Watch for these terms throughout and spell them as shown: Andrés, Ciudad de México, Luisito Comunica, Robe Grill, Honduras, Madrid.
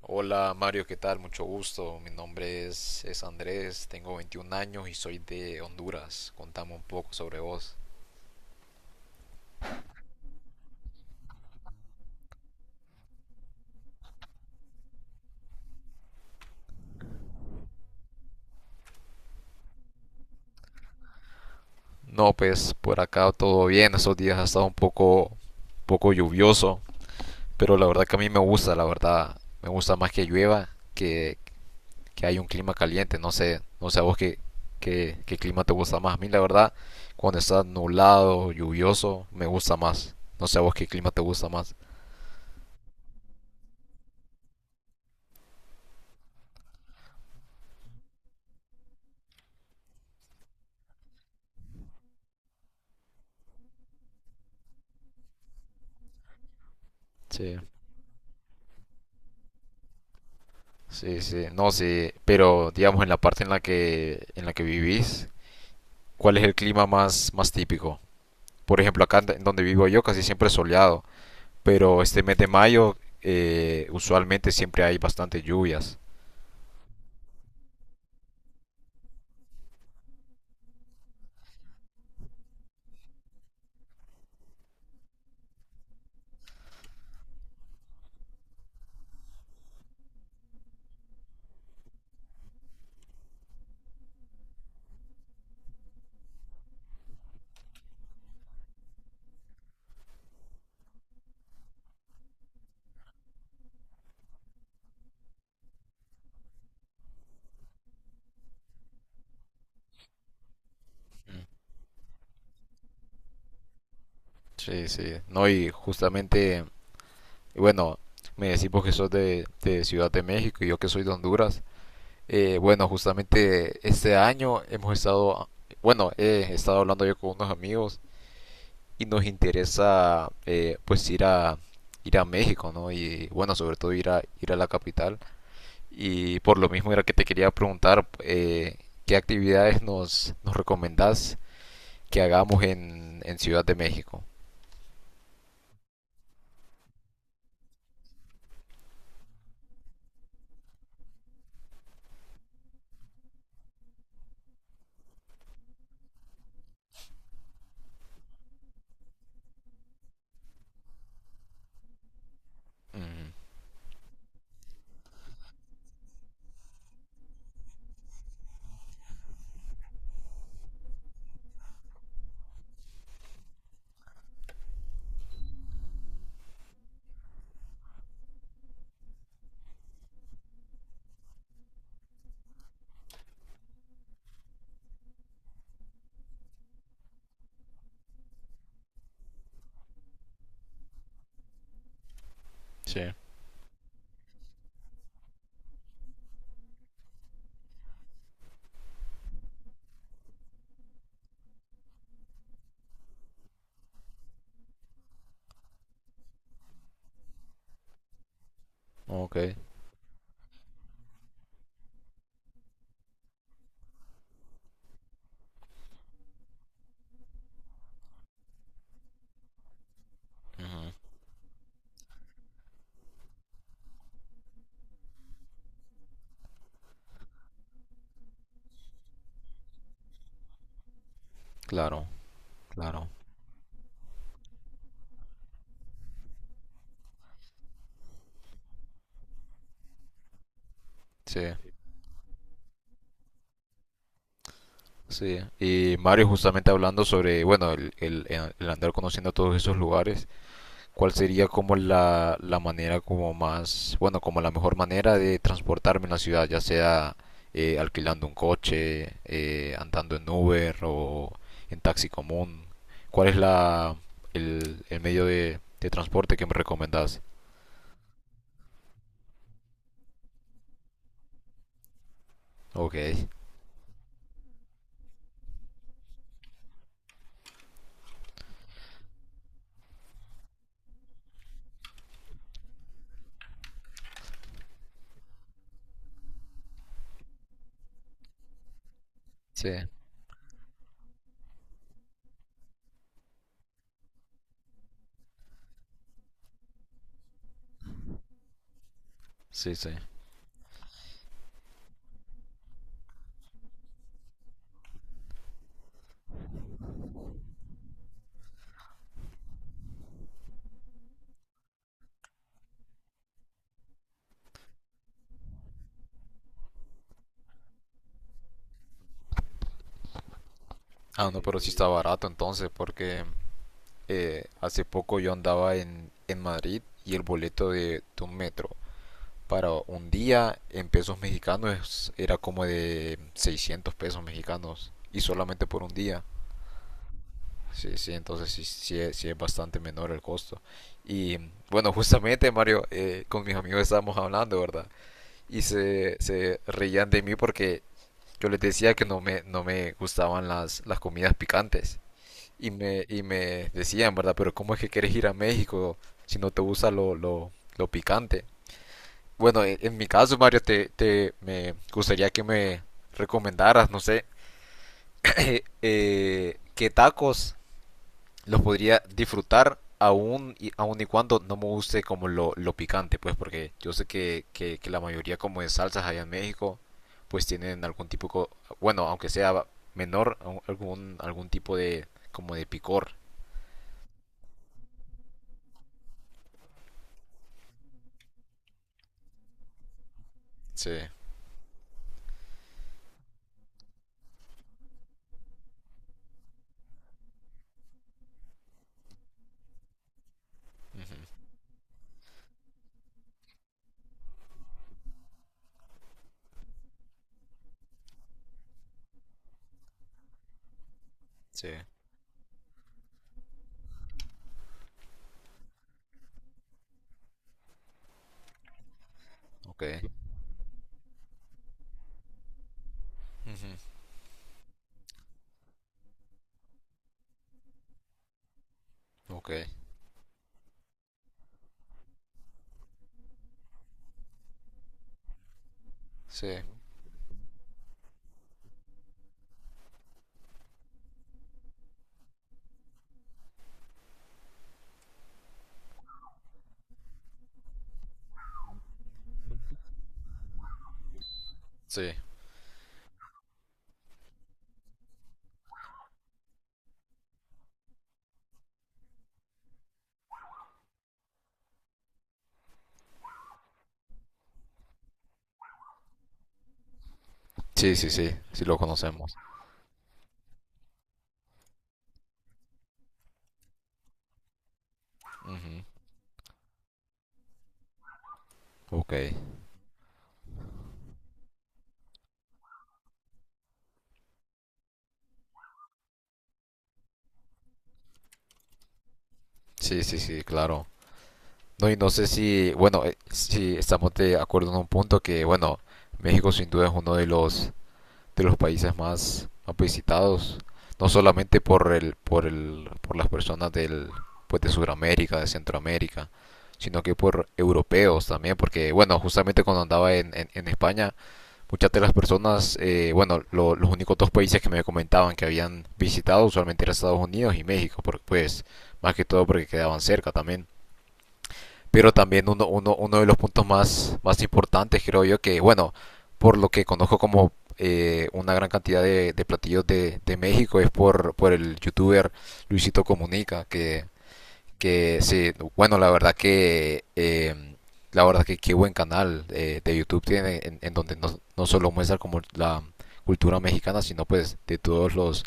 Hola Mario, ¿qué tal? Mucho gusto. Mi nombre es Andrés, tengo 21 años y soy de Honduras. Contame un poco sobre vos. No, pues por acá todo bien. Estos días ha estado un poco lluvioso, pero la verdad que a mí me gusta, la verdad. Me gusta más que llueva que hay un clima caliente. No sé, no sé a vos qué clima te gusta más. A mí la verdad, cuando está nublado, lluvioso, me gusta más. No sé a vos qué clima te gusta más. Sí. Sí, sí, no, sí, pero digamos en la parte en la que vivís, ¿cuál es el clima más típico? Por ejemplo, acá en donde vivo yo casi siempre es soleado, pero este mes de mayo usualmente siempre hay bastantes lluvias. Mm. Sí, sí, no, y justamente, bueno, me decís vos que sos de Ciudad de México y yo que soy de Honduras. Bueno, justamente este año hemos estado, bueno, he estado hablando yo con unos amigos y nos interesa pues ir a México, ¿no? Y bueno, sobre todo ir a la capital. Y por lo mismo era que te quería preguntar qué actividades nos recomendás que hagamos en Ciudad de México. Ujú. Sí. Ok, ujú, claro, claro, sí, sí. Y Mario, justamente hablando sobre, bueno, el andar conociendo todos esos lugares, ¿cuál sería como la manera como más, bueno, como la mejor manera de transportarme en la ciudad, ya sea alquilando un coche, andando en Uber o en taxi común? ¿Cuál es el medio de transporte que me recomendás? Ok, sí, sí, sí. Ah, no, pero sí está barato entonces, porque hace poco yo andaba en Madrid y el boleto de un metro para un día en pesos mexicanos era como de 600 pesos mexicanos y solamente por un día. Sí, sí, entonces sí, sí, sí es bastante menor el costo. Y bueno, justamente Mario, con mis amigos estábamos hablando, ¿verdad? Y se reían de mí porque yo les decía que no me gustaban las comidas picantes. Y me decían, ¿verdad? Pero ¿cómo es que quieres ir a México si no te gusta lo picante? Bueno, en mi caso, Mario, te me gustaría que me recomendaras, no sé, qué tacos los podría disfrutar aún y cuando no me guste como lo picante, pues porque yo sé que la mayoría como de salsas allá en México pues tienen algún tipo, bueno, aunque sea menor, algún tipo de como de picor. Sí, sí, ok. Ujú, ok, sí, sí. Sí, sí, sí, sí lo conocemos. Ok, sí, sí, sí, claro. No, y no sé si, bueno, si estamos de acuerdo en un punto que, bueno, México sin duda es uno de los países más, más visitados, no solamente por el por el por las personas del pues de Sudamérica, de Centroamérica, sino que por europeos también, porque bueno, justamente cuando andaba en España. Muchas de las personas, bueno, los únicos dos países que me comentaban que habían visitado usualmente eran Estados Unidos y México, porque, pues más que todo porque quedaban cerca también. Pero también uno de los puntos más, más importantes, creo yo, que bueno, por lo que conozco como una gran cantidad de platillos de México es por el youtuber Luisito Comunica, que sí, bueno, la verdad que qué buen canal de YouTube tiene en donde no solo muestra como la cultura mexicana, sino pues de todos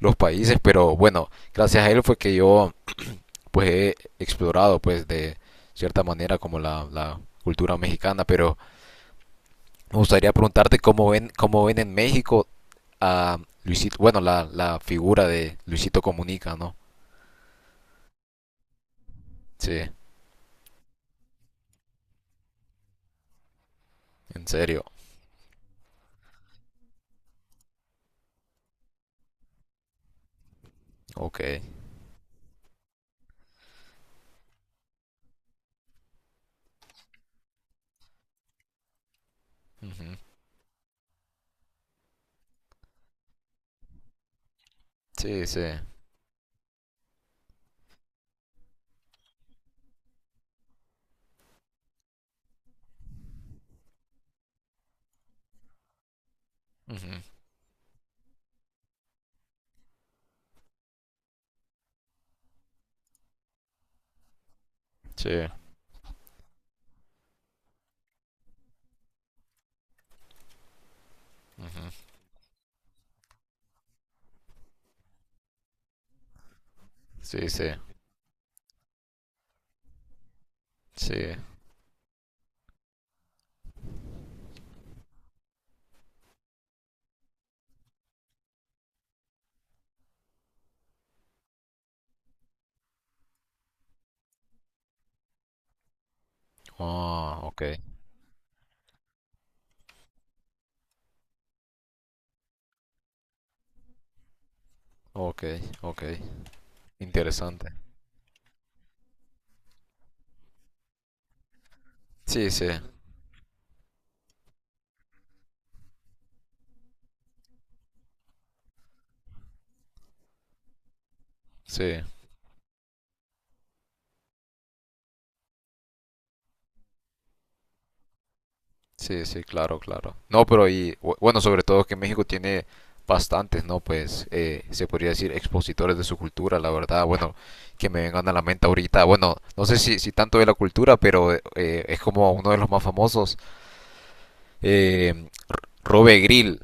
los países. Pero bueno, gracias a él fue que yo pues he explorado pues de cierta manera como la cultura mexicana. Pero me gustaría preguntarte cómo ven en México a Luisito, bueno, la figura de Luisito Comunica, ¿no? Sí, ¿en serio? Ok. Ujú. Sí, sí. Ujú. Sí, sí, sí, sí. Ah, ok, ok, ok. Interesante. Sí, sí, sí, sí, sí, claro, claro. No, pero y bueno, sobre todo que México tiene bastantes, ¿no? Pues se podría decir expositores de su cultura, la verdad. Bueno, que me vengan a la mente ahorita. Bueno, no sé si, si tanto de la cultura, pero es como uno de los más famosos. Eh, Robe Grill,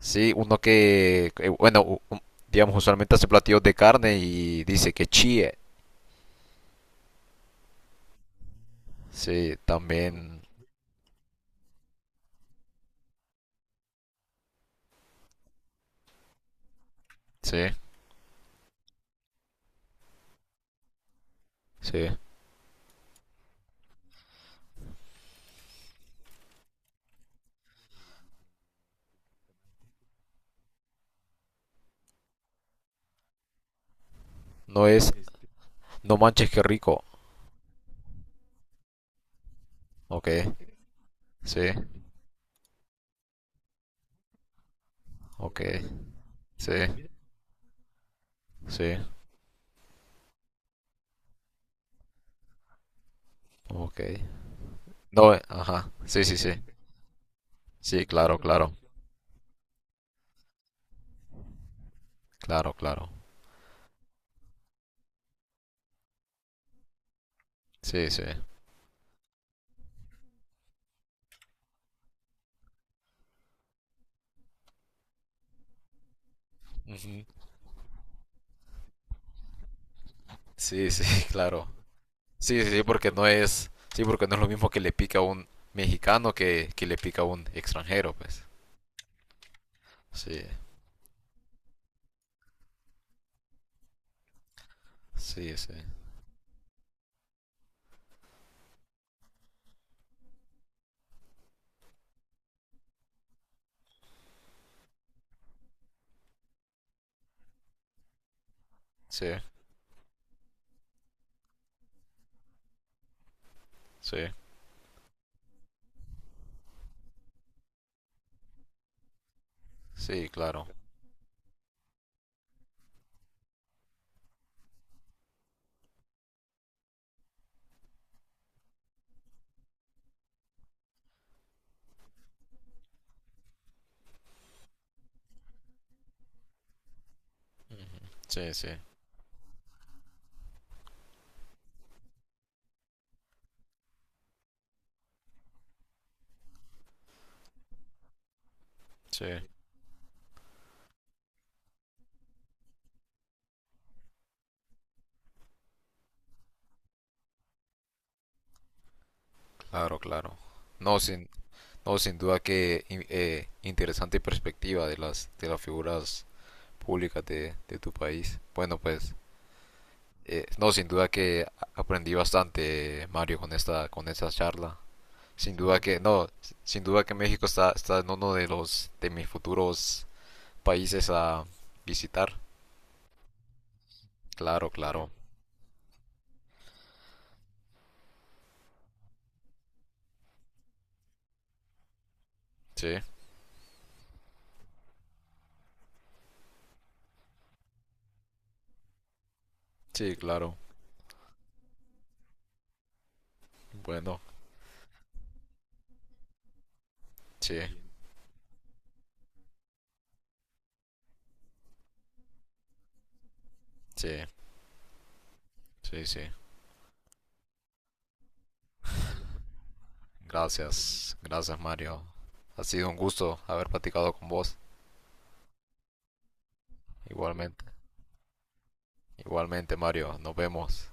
sí, uno que, bueno, digamos, usualmente hace platillos de carne y dice que chíe. Sí, también, sí, sí. No es, no manches, qué rico. Ok, sí, ok, sí, sí, ok. No, ajá, sí, sí, sí. Sí, claro, claro, claro, claro. Sí, sí. Ujú. Sí, sí, claro. Sí, sí, sí, porque no es, sí, porque no es lo mismo que le pica a un mexicano que le pica a un extranjero, pues. Sí, sí, sí, sí. Sí, sí, claro. Sí, sí, sí, claro, claro. No, sin, no, sin duda que interesante perspectiva de de las figuras públicas de tu país. Bueno, pues, no, sin duda que aprendí bastante, Mario, con con esta charla. Sin duda que, no, sin duda que México está, está en uno de de mis futuros países a visitar. Claro, claro. Sí, sí, claro. Bueno, sí, sí, sí, sí. Gracias, gracias Mario. Ha sido un gusto haber platicado con vos. Igualmente, igualmente Mario, nos vemos.